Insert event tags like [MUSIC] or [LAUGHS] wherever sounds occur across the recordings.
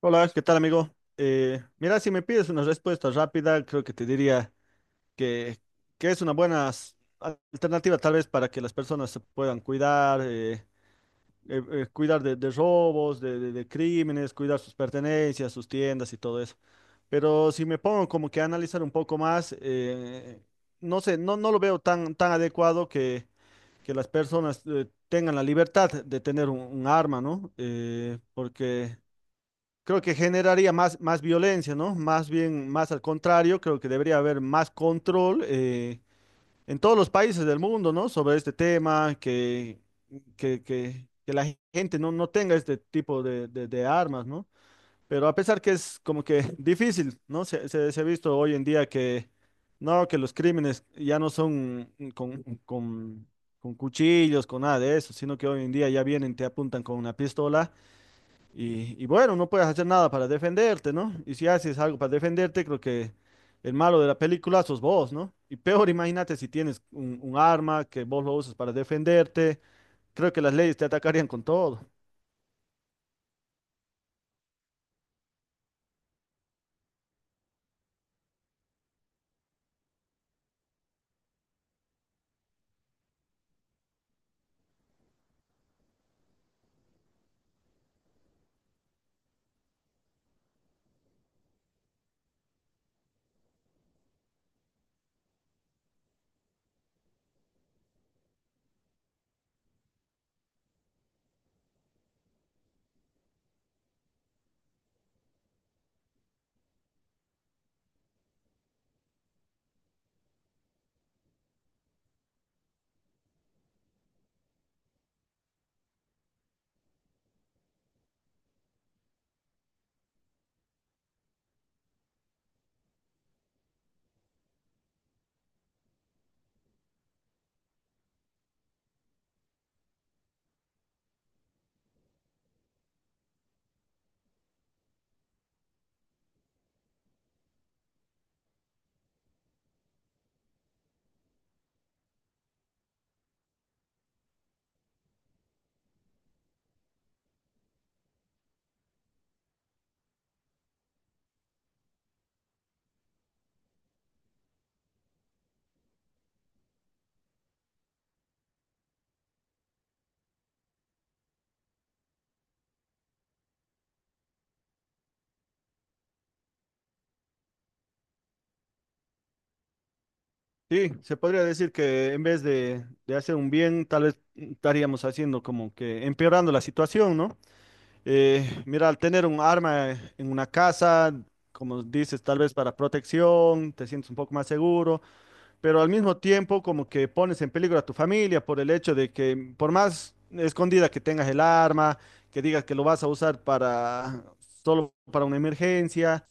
Hola, ¿qué tal, amigo? Mira, si me pides una respuesta rápida, creo que te diría que, que es una buena alternativa tal vez para que las personas se puedan cuidar, cuidar de robos, de crímenes, cuidar sus pertenencias, sus tiendas y todo eso. Pero si me pongo como que a analizar un poco más, no sé, no lo veo tan adecuado que las personas tengan la libertad de tener un arma, ¿no? Porque... Creo que generaría más violencia, ¿no? Más bien, más al contrario, creo que debería haber más control en todos los países del mundo, ¿no? Sobre este tema, que la gente no tenga este tipo de armas, ¿no? Pero a pesar que es como que [LAUGHS] difícil, ¿no? Se ha visto hoy en día que, no, que los crímenes ya no son con cuchillos, con nada de eso, sino que hoy en día ya vienen, te apuntan con una pistola y bueno, no puedes hacer nada para defenderte, ¿no? Y si haces algo para defenderte, creo que el malo de la película sos vos, ¿no? Y peor, imagínate si tienes un arma que vos lo usas para defenderte, creo que las leyes te atacarían con todo. Sí, se podría decir que en vez de hacer un bien, tal vez estaríamos haciendo como que empeorando la situación, ¿no? Mira, al tener un arma en una casa, como dices, tal vez para protección, te sientes un poco más seguro. Pero al mismo tiempo como que pones en peligro a tu familia por el hecho de que por más escondida que tengas el arma, que digas que lo vas a usar para solo para una emergencia,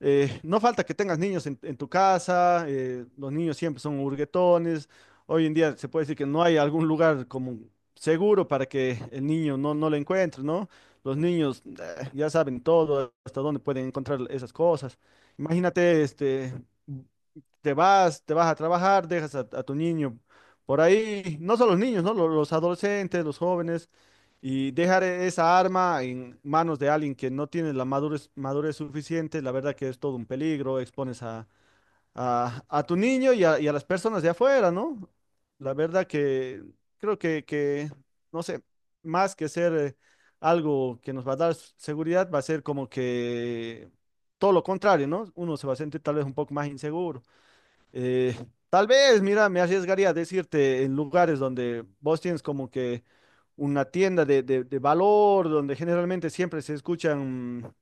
no falta que tengas niños en tu casa, los niños siempre son hurguetones, hoy en día se puede decir que no hay algún lugar como seguro para que el niño no lo encuentre, ¿no? Los niños ya saben todo, hasta dónde pueden encontrar esas cosas. Imagínate, este, te te vas a trabajar, dejas a tu niño por ahí, no solo los niños, ¿no? Los adolescentes, los jóvenes, y dejar esa arma en manos de alguien que no tiene la madurez, madurez suficiente, la verdad que es todo un peligro, expones a, a tu niño y a las personas de afuera, ¿no? La verdad que creo que no sé, más que ser... Algo que nos va a dar seguridad va a ser como que todo lo contrario, ¿no? Uno se va a sentir tal vez un poco más inseguro. Eh, Tal vez, mira, me arriesgaría a decirte en lugares donde vos tienes como que una tienda de, de valor, donde generalmente siempre se escuchan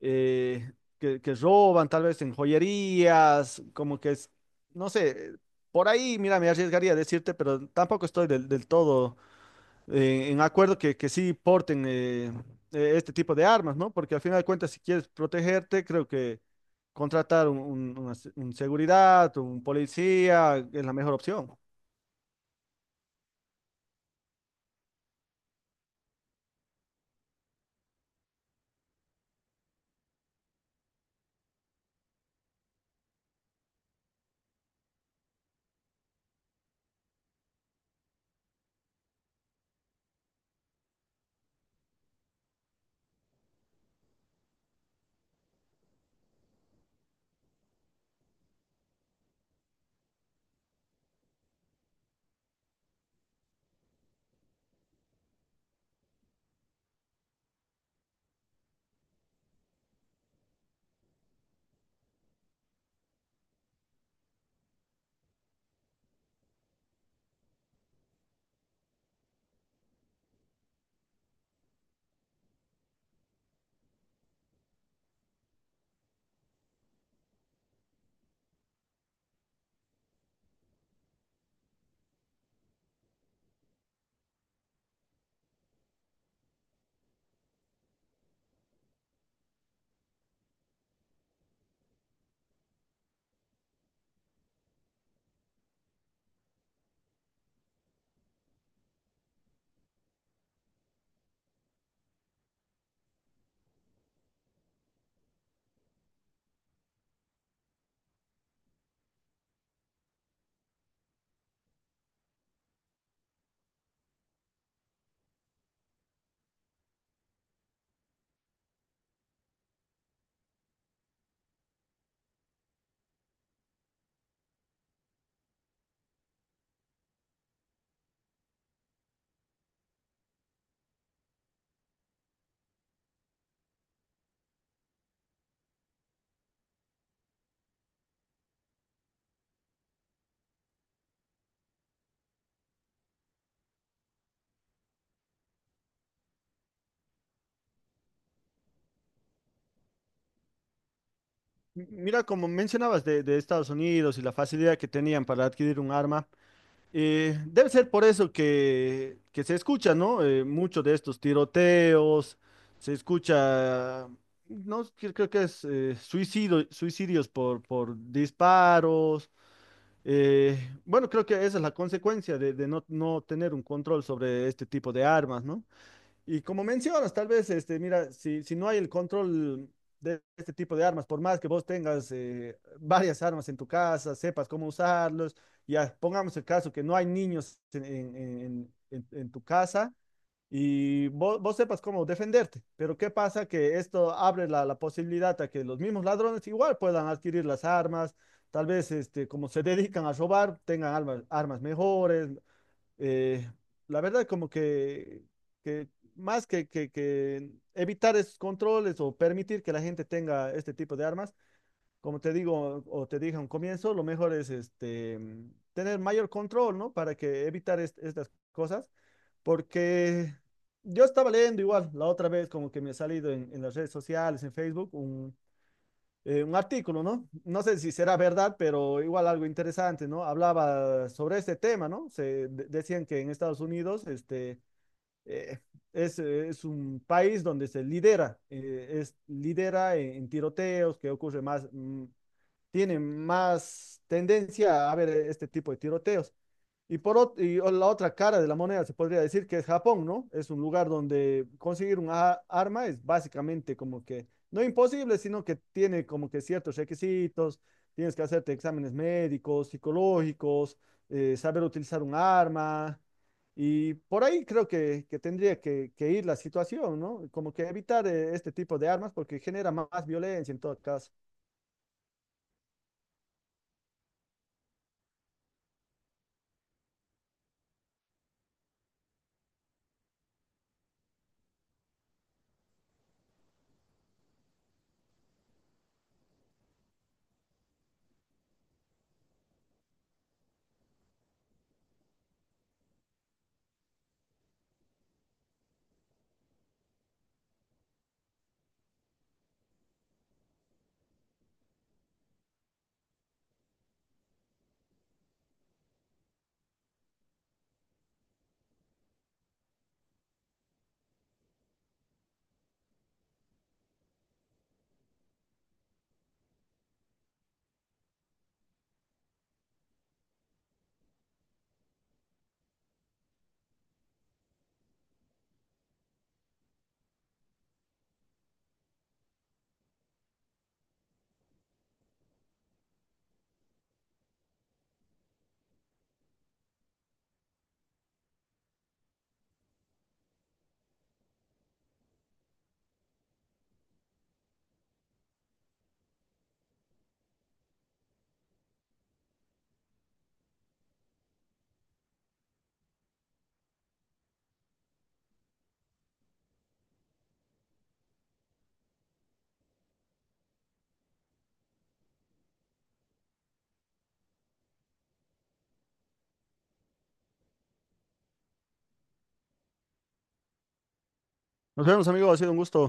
eh, que roban, tal vez en joyerías, como que es, no sé, por ahí, mira, me arriesgaría a decirte, pero tampoco estoy del, del todo en acuerdo que sí porten este tipo de armas, ¿no? Porque al final de cuentas, si quieres protegerte, creo que contratar un, una un seguridad, un policía, es la mejor opción. Mira, como mencionabas de Estados Unidos y la facilidad que tenían para adquirir un arma, debe ser por eso que se escucha, ¿no? Mucho de estos tiroteos, se escucha, no, creo que es suicidios por disparos. Eh, bueno, creo que esa es la consecuencia de no, no tener un control sobre este tipo de armas, ¿no? Y como mencionas, tal vez, este, mira, si no hay el control de este tipo de armas, por más que vos tengas varias armas en tu casa, sepas cómo usarlos, ya pongamos el caso que no hay niños en, en tu casa y vos sepas cómo defenderte, pero ¿qué pasa? Que esto abre la, la posibilidad a que los mismos ladrones igual puedan adquirir las armas, tal vez este, como se dedican a robar, tengan armas, armas mejores, eh, la verdad como que más que evitar esos controles o permitir que la gente tenga este tipo de armas, como te digo o te dije a un comienzo, lo mejor es este, mm, tener mayor control, ¿no? Para que evitar estas cosas, porque yo estaba leyendo igual la otra vez, como que me ha salido en las redes sociales, en Facebook, un artículo, ¿no? No sé si será verdad, pero igual algo interesante, ¿no? Hablaba sobre este tema, ¿no? Se decían que en Estados Unidos, este, eh, es un país donde se lidera, es lidera en tiroteos que ocurre más, mm, tiene más tendencia a haber este tipo de tiroteos. Y por la otra cara de la moneda se podría decir que es Japón, ¿no? Es un lugar donde conseguir una arma es básicamente como que no imposible, sino que tiene como que ciertos requisitos, tienes que hacerte exámenes médicos, psicológicos, saber utilizar un arma. Y por ahí creo que tendría que ir la situación, ¿no? Como que evitar este tipo de armas porque genera más violencia en todo caso. Nos vemos, amigos, ha sido un gusto.